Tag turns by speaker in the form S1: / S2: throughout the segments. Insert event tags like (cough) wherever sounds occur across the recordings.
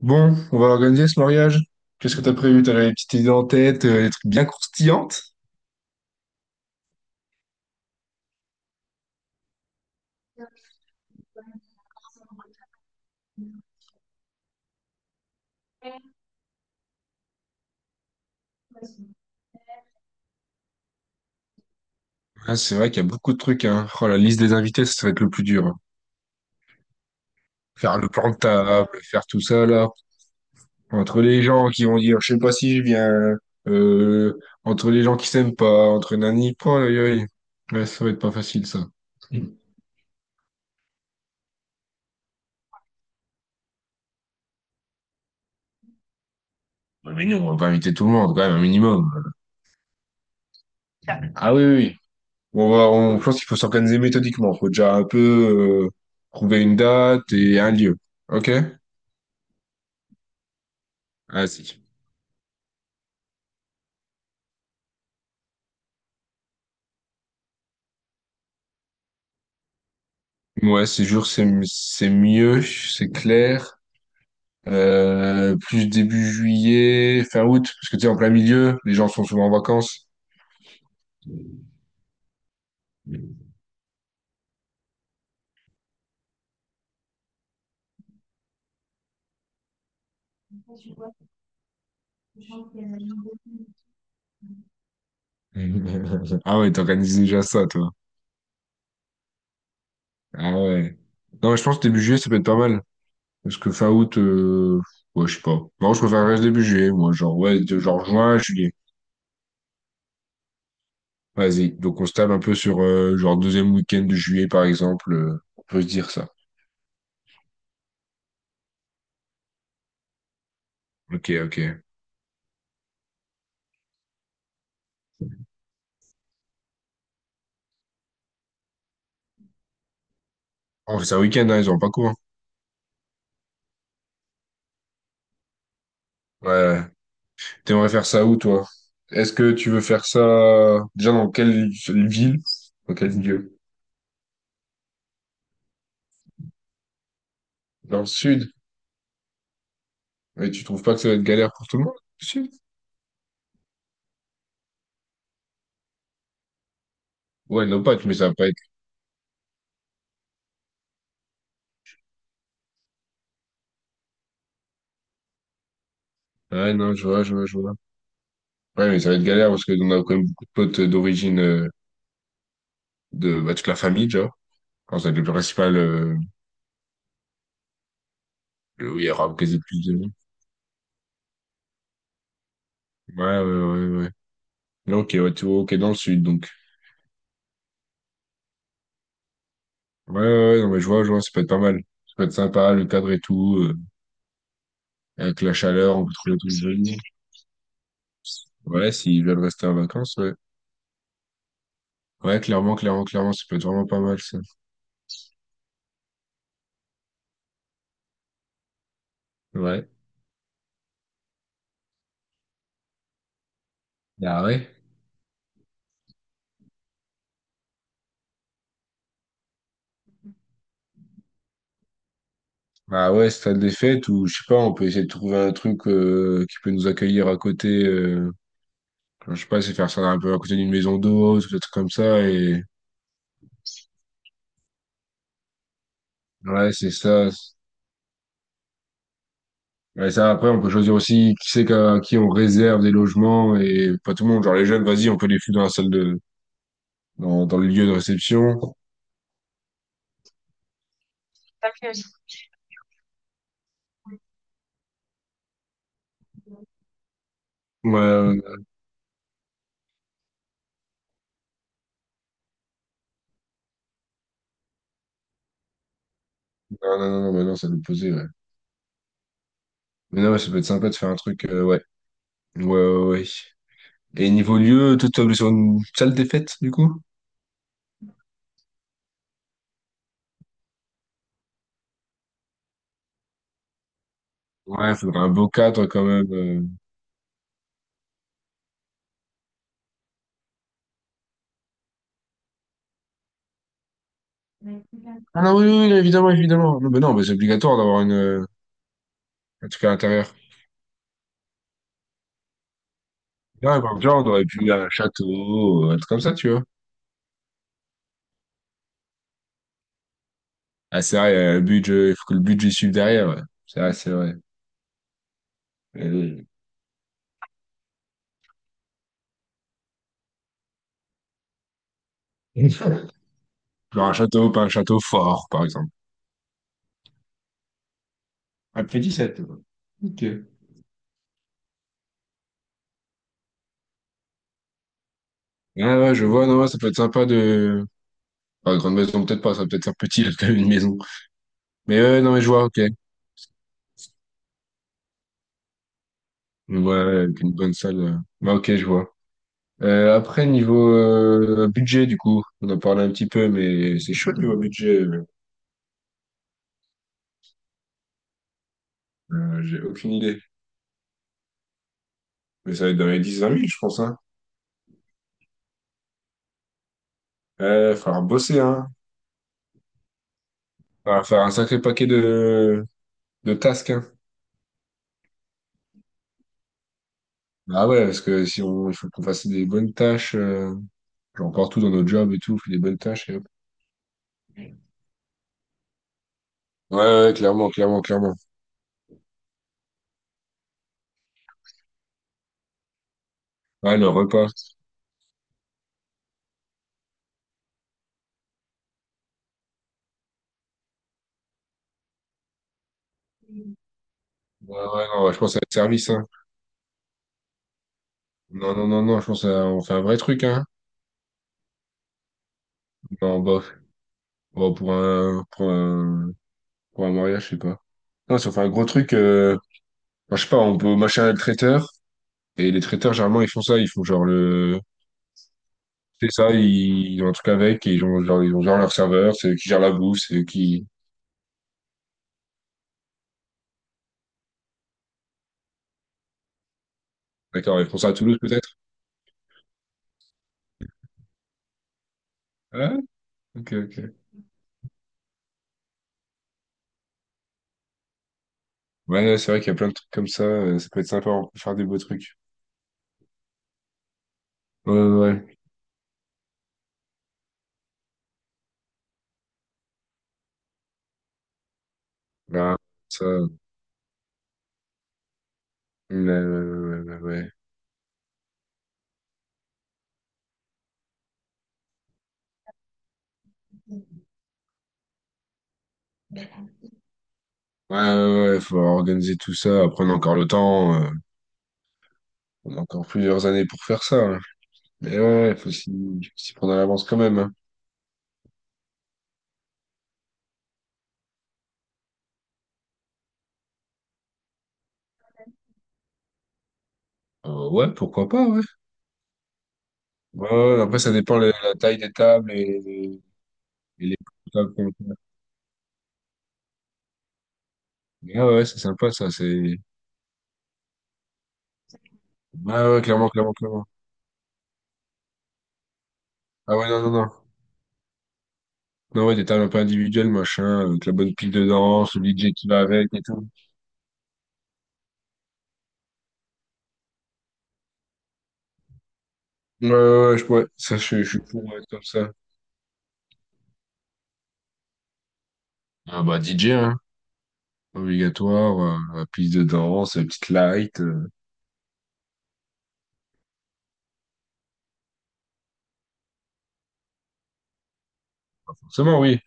S1: Bon, on va organiser ce mariage. Qu'est-ce que t'as prévu? T'as des petites idées en tête, des trucs bien croustillantes? Ah, c'est vrai qu'il y a beaucoup de trucs, hein. Oh, la liste des invités, ça va être le plus dur, hein. Faire le plan de table, faire tout ça, là. Entre les gens qui vont dire, je sais pas si je viens, euh, entre les gens qui s'aiment pas, entre nani, oh, aïe, aïe. Ouais, ça va être pas facile, ça. Mm. Ouais, mais nous, on va pas inviter tout le monde, quand même, un minimum. Ah oui, oui. Oui. Je pense qu'il faut s'organiser méthodiquement. Faut déjà un peu, euh, trouver une date et un lieu. Ok? Ah si. Ouais, c'est sûr, c'est mieux, c'est clair. Plus début juillet, fin août, parce que tu sais, en plein milieu, les gens sont souvent en vacances. (laughs) Ah ouais, t'organises déjà ça, toi. Ah ouais. Non, mais je pense que début juillet, ça peut être pas mal. Parce que fin août, ouais, je sais pas. Non, je préfère reste début juillet, moi. Genre, ouais, genre juin, juillet. Vas-y. Donc, on se tape un peu sur, genre, deuxième week-end de juillet, par exemple. On peut se dire ça. Ok, ok. Oh, c'est un week-end, hein, ils ont pas cours, hein. Ouais, ouais. T'aimerais faire ça où, toi? Est-ce que tu veux faire ça déjà dans quelle ville? Dans quelle ville? Dans le sud? Mais tu trouves pas que ça va être galère pour tout le monde? Le sud? Ouais, nos potes, mais ça va pas être. Ouais, non, je vois, je vois, je vois. Ouais, mais ça va être galère parce que on a quand même beaucoup de potes d'origine, de bah, toute la famille, genre. Quand ça va être le principal, où il y aura quasi plus de monde. Ouais, ouais, ouais, ouais. Non, ok, ouais, tu vois, ok, dans le sud, donc. Ouais, ouais, ouais, non, mais je vois, ça peut être pas mal. Ça peut être sympa, le cadre et tout, avec la chaleur, on peut trouver tout le jeu. Ouais, s'ils veulent rester en vacances, ouais. Ouais, clairement, clairement, clairement, ça peut être vraiment pas mal, ça. Ouais. Ah ouais. Ah ouais, stade des fêtes, ou je sais pas, on peut essayer de trouver un truc qui peut nous accueillir à côté. Enfin, je sais pas, c'est faire ça un peu à côté d'une maison d'eau, des trucs comme ça. Et ouais, c'est ça. Ouais, ça, après, on peut choisir aussi qui c'est à qui on réserve des logements et pas tout le monde. Genre les jeunes, vas-y, on peut les foutre dans la salle de, dans le lieu de réception. Ouais, ouais, ouais. Non, non, non, non, bah non, ça nous posait, ouais. Mais non, ouais, ça peut être sympa de faire un truc, ouais. Ouais, ouais, ouais. Et niveau lieu, toi, tu sur une salle des fêtes, du coup? Ouais, il faudrait un beau cadre quand même, Ah non, oui, oui, oui, évidemment, évidemment. Non, mais non, mais c'est obligatoire d'avoir une, un truc à l'intérieur. Là, par exemple, on aurait pu un château, un truc comme ça, tu vois. Ah, c'est vrai, le budget, il faut que le budget suive derrière, ouais. C'est vrai, c'est vrai. Euh, Genre un château, pas un château fort, par exemple. Un petit château. Ok. Ah ouais, je vois, non, ouais, ça peut être sympa de... Enfin, grande maison, peut-être pas, ça peut être un petit, (laughs) là, quand même, une maison. Mais ouais, non, mais je vois, ok. Ouais, ouais, avec une bonne salle, Bah, ok, je vois. Après, niveau budget, du coup, on en parlait un petit peu, mais c'est chaud niveau budget, j'ai aucune idée. Mais ça va être dans les 10 20 mille je pense, hein. Faudra bosser, hein. Faudra faire un sacré paquet de tasks, hein. Ah ouais, parce que si on, il faut qu'on fasse des bonnes tâches, genre partout dans notre job et tout, on fait des bonnes tâches et hop. Ouais, ouais, ouais, clairement, clairement, clairement. Ouais, le repas. Ouais, ouais, non, ouais, je pense à le service, hein. Non, non, non, non, je pense à, on fait un vrai truc, hein. Non, bah, bon, pour un mariage, je sais pas. Non, si on fait un gros truc, enfin, je sais pas, on peut machin le traiteur. Et les traiteurs, généralement, ils font ça. Ils font genre le. C'est ça, ils ont un truc avec et ils ont genre leur serveur, c'est eux qui gèrent la bouffe, c'est eux qui. D'accord, ils font ça à Toulouse peut-être? Ah, ok, ok. Ouais, non, c'est vrai qu'il y a plein de trucs comme ça, ça peut être sympa, on peut faire des beaux trucs. Ouais, ouais, ouais. Bah, ça. Ouais, ouais, ouais, ouais. Ouais. Ouais, ouais, ouais, faut organiser tout ça, prendre encore le temps, on a encore plusieurs années pour faire ça, hein. Mais ouais, faut s'y prendre à l'avance quand même, hein. Ouais, pourquoi pas, ouais. Ouais, ouais, après, ça dépend de la taille des tables et, les tables qu'on fait. Mais ah ouais, c'est sympa, ça, c'est... Ouais, ouais, clairement, clairement, clairement. Ah ouais, non, non, non. Non, ouais, des tables un peu individuelles, machin, avec la bonne pile de danse, le DJ qui va avec et tout. Ouais, ouais, ouais, je pourrais... Ça, je suis pour, ouais, comme ça. Ah bah, DJ, hein. Obligatoire, la piste de danse, la petite light, Forcément, oui.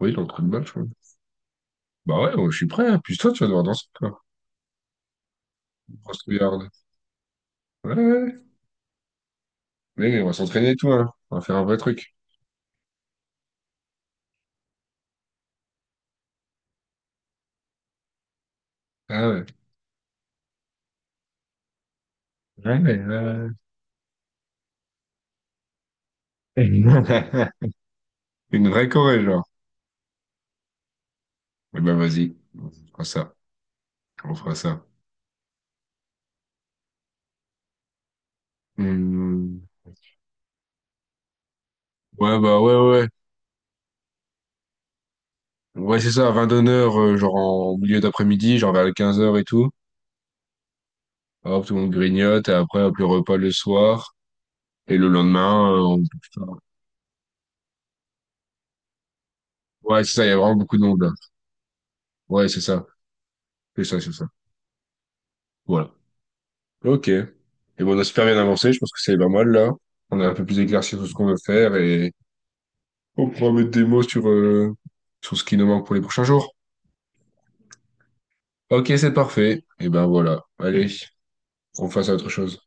S1: Oui, dans le trou de balle, je crois. Bah ouais, ouais, je suis prêt. Hein. Puis toi, tu vas devoir danser, quoi. Grosse trouillarde. Ouais, ouais, ouais. Mais on va s'entraîner et tout, hein. On va faire un vrai truc. Ah ouais. Ouais, ouais, ouais, ouais. (laughs) Une vraie Corée, genre. Eh ben, vas-y. On fera ça. On fera ça. Hmm. Ouais, bah, ouais, ouais. Ouais, ouais, c'est ça, à 20h, genre en milieu d'après-midi, genre vers les 15h et tout. Hop, tout le monde grignote, et après, hop, le repas le soir. Et le lendemain, on... Ouais, c'est ça, il y a vraiment beaucoup de monde, là. Ouais, c'est ça. C'est ça, c'est ça. Voilà. Ok. Et bon, on a super bien avancé, je pense que c'est pas mal là. On a un peu plus éclairci sur ce qu'on veut faire et on pourra mettre des mots sur, sur ce qui nous manque pour les prochains jours. Ok, c'est parfait. Et ben voilà. Allez, on fasse à autre chose.